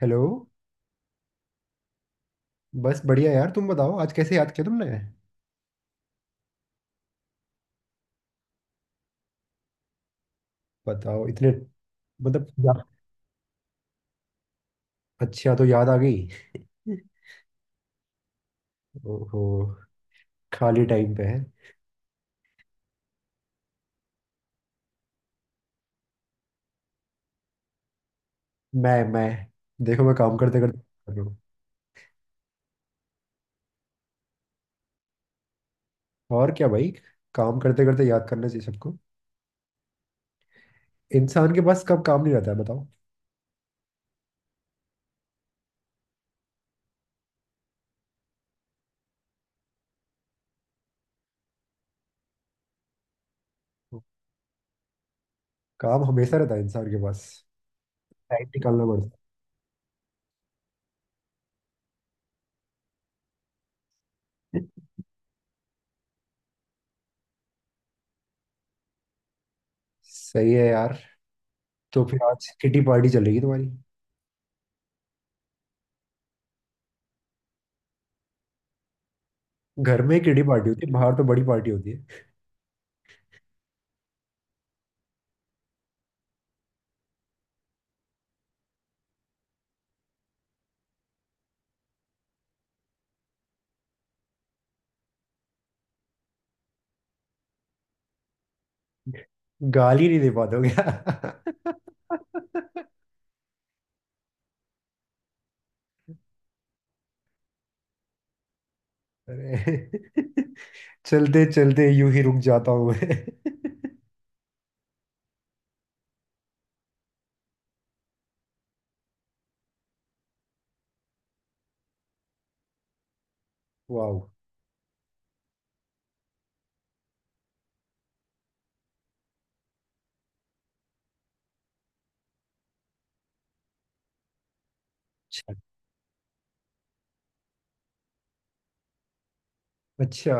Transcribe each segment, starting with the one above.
Hello. बस बढ़िया यार, तुम बताओ, आज कैसे याद किया तुमने? बताओ इतने मतलब या। अच्छा, तो याद आ गई। ओहो, खाली टाइम पे है। मैं देखो, मैं काम करते करते कर रहा हूँ। और क्या भाई, काम करते करते याद करना चाहिए सबको। इंसान के पास कब काम नहीं रहता है बताओ। काम हमेशा रहता है इंसान के पास। टाइम निकालना पड़ता है। सही है यार। तो फिर आज किटी पार्टी चलेगी तुम्हारी। घर में किटी पार्टी होती है, बाहर तो बड़ी पार्टी होती है। गाली नहीं दे पाते हो क्या? अरे, चलते चलते यूं ही रुक जाता हूँ मैं। वाह। अच्छा। अच्छा।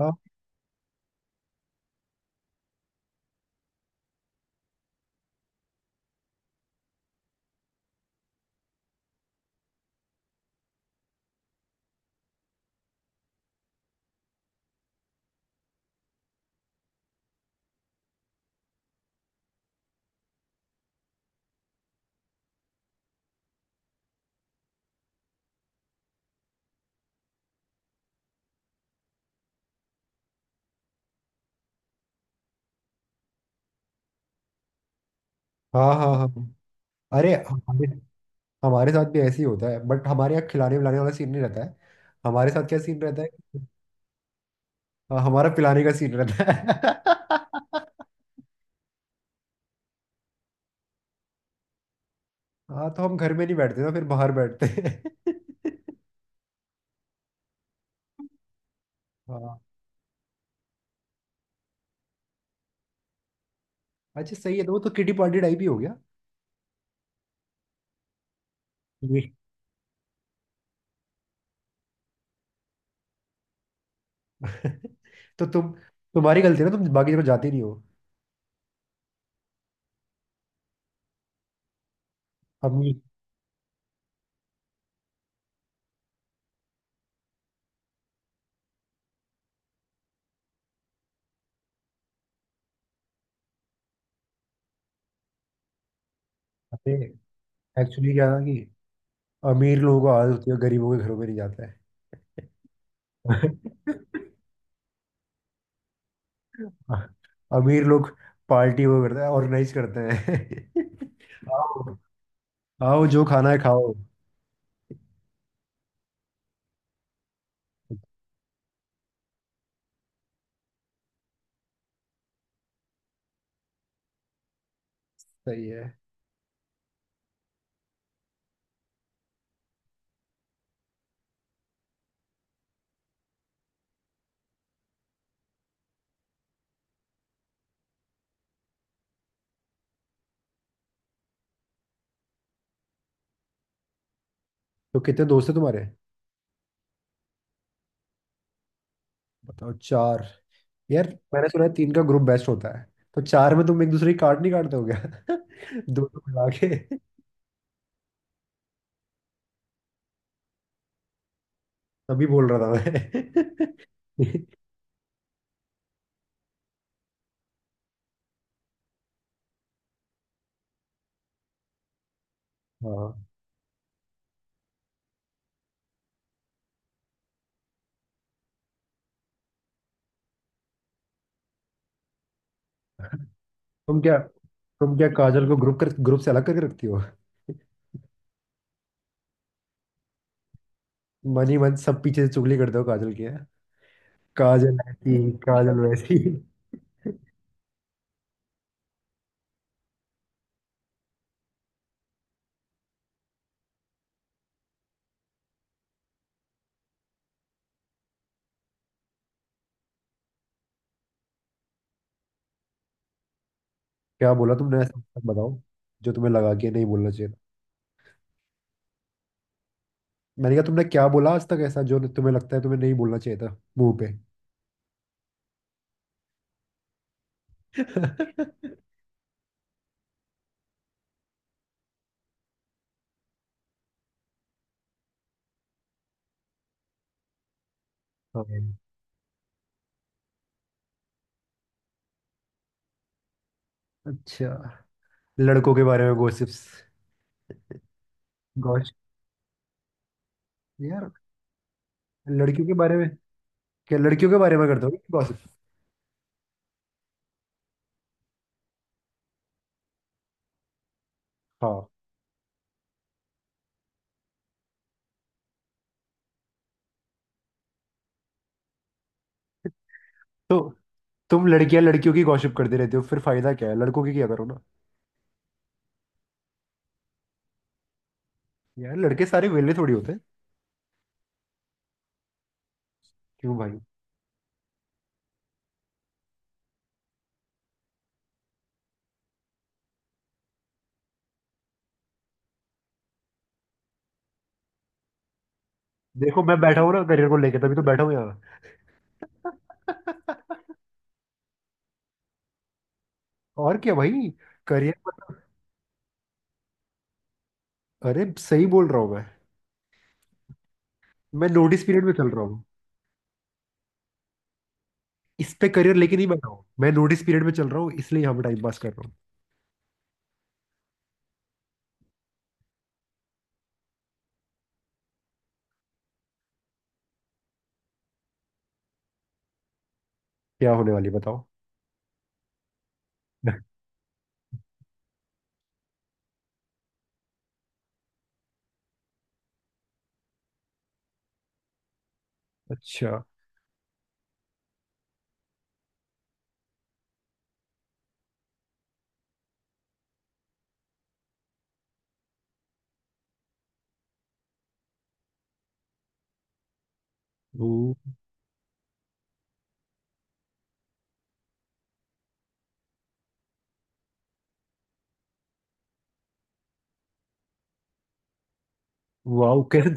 हाँ, हाँ, हाँ, हाँ। अरे हमारे, साथ भी ऐसे ही होता है, बट हमारे यहाँ खिलाने पिलाने वाला सीन नहीं रहता है। हमारे साथ क्या सीन रहता है? हाँ, हमारा पिलाने का सीन रहता है। हाँ, तो हम घर में नहीं बैठते ना, फिर बाहर बैठते हैं। हाँ। अच्छा, सही है, तो वो तो किटी पार्टी टाइप ही हो गया। तो तुम्हारी गलती है ना, तुम बाकी जगह जाते नहीं हो। अमीर जाते, एक्चुअली क्या है ना कि अमीर लोगों को आदत होती है, गरीबों के घरों में नहीं जाता है। अमीर लोग पार्टी वो करते हैं, ऑर्गेनाइज करते हैं। आओ, आओ, जो खाना है खाओ। सही है। तो कितने दोस्त हैं तुम्हारे? बताओ, चार। यार, मैंने सुना है तीन का ग्रुप बेस्ट होता है। तो चार में तुम एक दूसरे की काट नहीं काटते हो क्या? दो दो मिला के। तभी बोल रहा था मैं। हाँ, तुम क्या तुम क्या काजल को ग्रुप से अलग करके रखती हो? मन ही मन सब पीछे से चुगली करते हो काजल की हैं? काजल ऐसी, काजल वैसी। क्या बोला तुमने ऐसा, तक बताओ, जो तुम्हें लगा कि नहीं बोलना चाहिए था। मैंने कहा तुमने क्या बोला आज तक ऐसा, जो तुम्हें लगता है तुम्हें नहीं बोलना चाहिए था मुंह पे। हाँ। अच्छा, लड़कों के बारे में गॉसिप्स? गॉस यार, लड़कियों के बारे में क्या लड़कियों के बारे में करते हो गॉसिप? हाँ, तो तुम लड़कियां, लड़कियों की गॉसिप करते रहते हो? फिर फायदा क्या है, लड़कों की क्या करो ना। यार, लड़के सारे वेले थोड़ी होते हैं। क्यों भाई? देखो, मैं बैठा हूँ ना करियर को लेके, तभी तो बैठा हूँ यहाँ। और क्या भाई। करियर। अरे सही बोल रहा हूँ मैं नोटिस पीरियड में चल रहा हूँ। इस पे करियर लेके नहीं बैठा हूँ, मैं नोटिस पीरियड में चल रहा हूँ, इसलिए यहाँ पे टाइम पास कर रहा हूँ। क्या होने वाली है, बताओ? अच्छा। वो वाह, कैसे?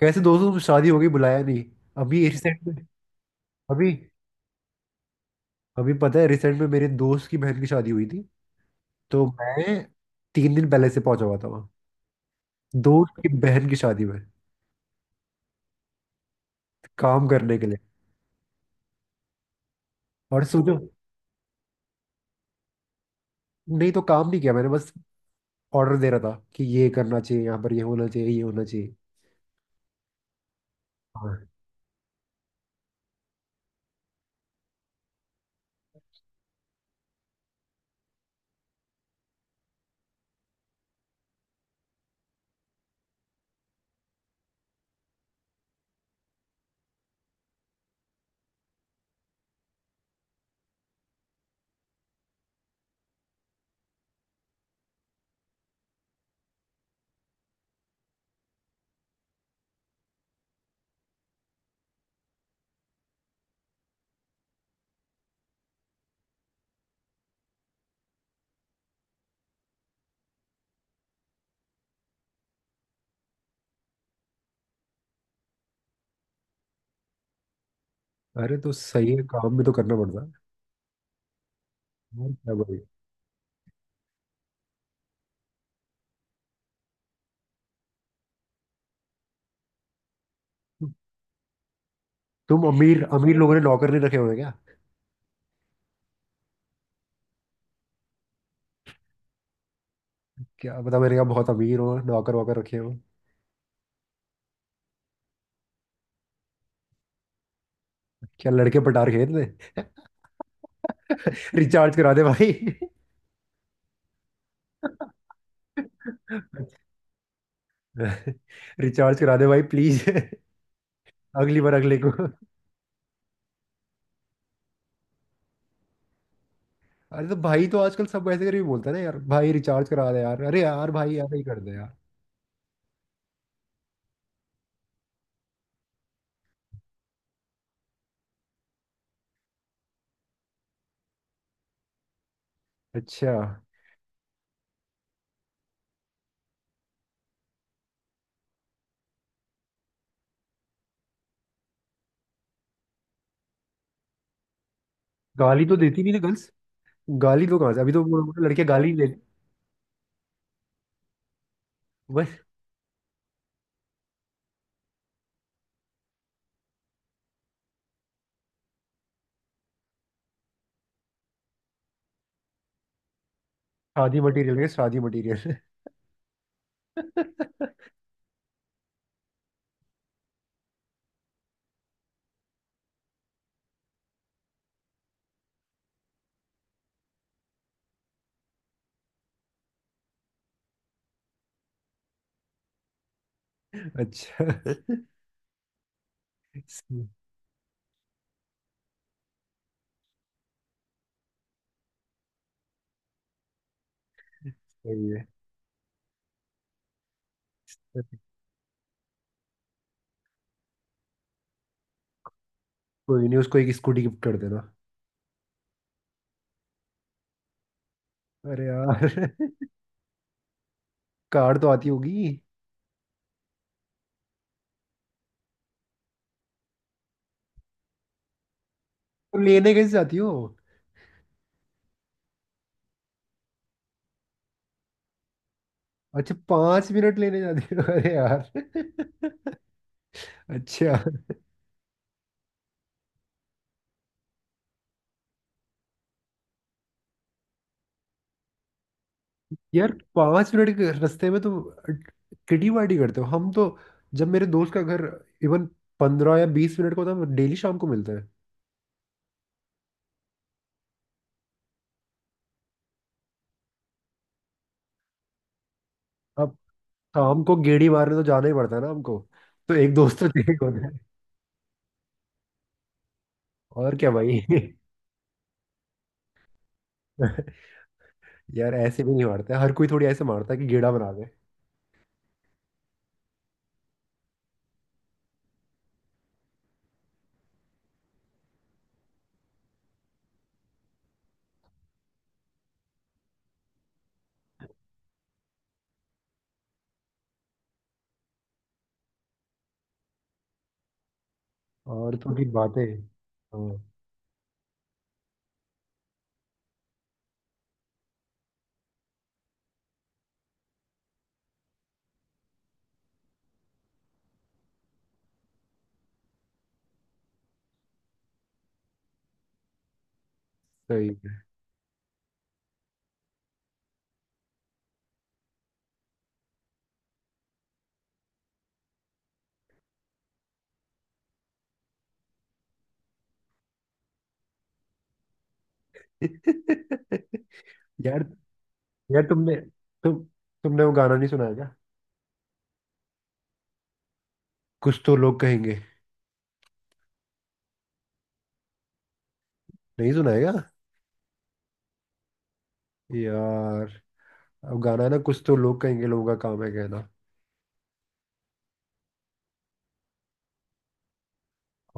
कैसे दोस्तों, तुम शादी हो गई, बुलाया नहीं? अभी रिसेंट में? अभी, अभी पता है, रिसेंट में मेरे दोस्त की बहन की शादी हुई थी। तो मैं 3 दिन पहले से पहुंचा हुआ था वहाँ, दोस्त की बहन की शादी में, काम करने के लिए। और सोचो, नहीं तो काम नहीं किया मैंने, बस ऑर्डर दे रहा था कि ये करना चाहिए, यहाँ पर ये होना चाहिए, ये होना चाहिए। हाँ। अरे, तो सही है, काम भी तो करना पड़ता है। और क्या भाई। तुम अमीर, लोगों ने नौकर नहीं रखे हुए हैं क्या? क्या पता, मैंने कहा बहुत अमीर हो, नौकर वॉकर रखे हो। क्या लड़के पटार खेत में। रिचार्ज करा दे भाई। रिचार्ज करा दे भाई, प्लीज। अगली बार अगले को। अरे, तो भाई तो आजकल सब ऐसे करके बोलता है ना, यार भाई रिचार्ज करा दे यार, अरे यार भाई यार ही कर दे यार। अच्छा। गाली तो देती नहीं ना गर्ल्स? गाली तो कहाँ से, अभी तो वो लड़के गाली नहीं देते। बस। शादी मटेरियल, शादी मटेरियल। अच्छा। सही सही है। कोई नहीं, उसको एक स्कूटी गिफ्ट कर देना। अरे यार। कार तो आती होगी। तो लेने कैसे जाती हो? अच्छा, 5 मिनट लेने जाते हो? अरे यार। अच्छा। यार, 5 मिनट के रास्ते में तो किटी पार्टी करते हो हम तो। जब मेरे दोस्त का घर इवन 15 या 20 मिनट का होता है, हम डेली शाम को मिलते हैं। अब शाम को गेड़ी मारने तो जाना ही पड़ता है ना हमको, तो एक दोस्त तो चाहिए होता है। और क्या भाई। यार, ऐसे भी नहीं मारते, हर कोई थोड़ी ऐसे मारता है कि गेड़ा बना दे। और थोड़ी बातें। हाँ। सही है। यार। तुमने, तुम तुमने वो गाना नहीं सुना है क्या? कुछ तो लोग कहेंगे। नहीं सुना है क्या? यार, अब गाना है ना, कुछ तो लोग कहेंगे, लोगों का काम है कहना।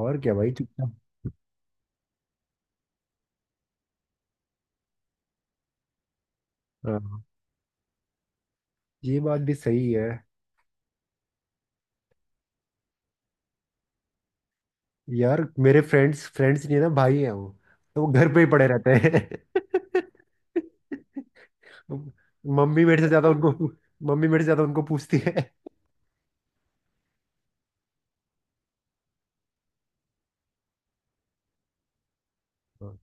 और क्या भाई, चुपचाप। हाँ, ये बात भी सही है। यार, मेरे फ्रेंड्स, फ्रेंड्स नहीं है ना भाई, हैं वो, तो वो घर पे ही पड़े रहते हैं। मम्मी मेरे से ज्यादा उनको। मम्मी मेरे से ज्यादा उनको पूछती है। हाँ।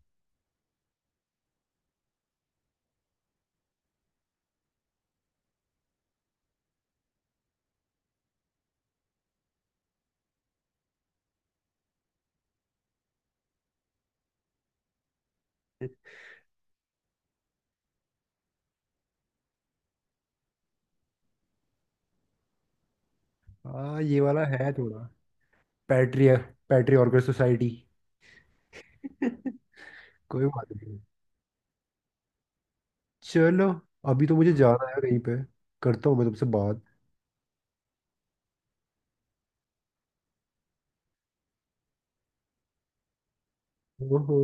हाँ, ये वाला है थोड़ा। पैट्री पैट्री ऑर्गन सोसाइटी। कोई बात नहीं। चलो, अभी तो मुझे जाना है कहीं पे। करता हूँ मैं तुमसे बात। ओहो,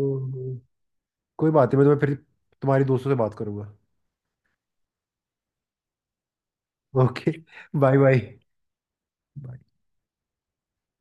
कोई बात नहीं, मैं तुम्हें फिर तुम्हारी दोस्तों से बात करूंगा। Okay, bye bye.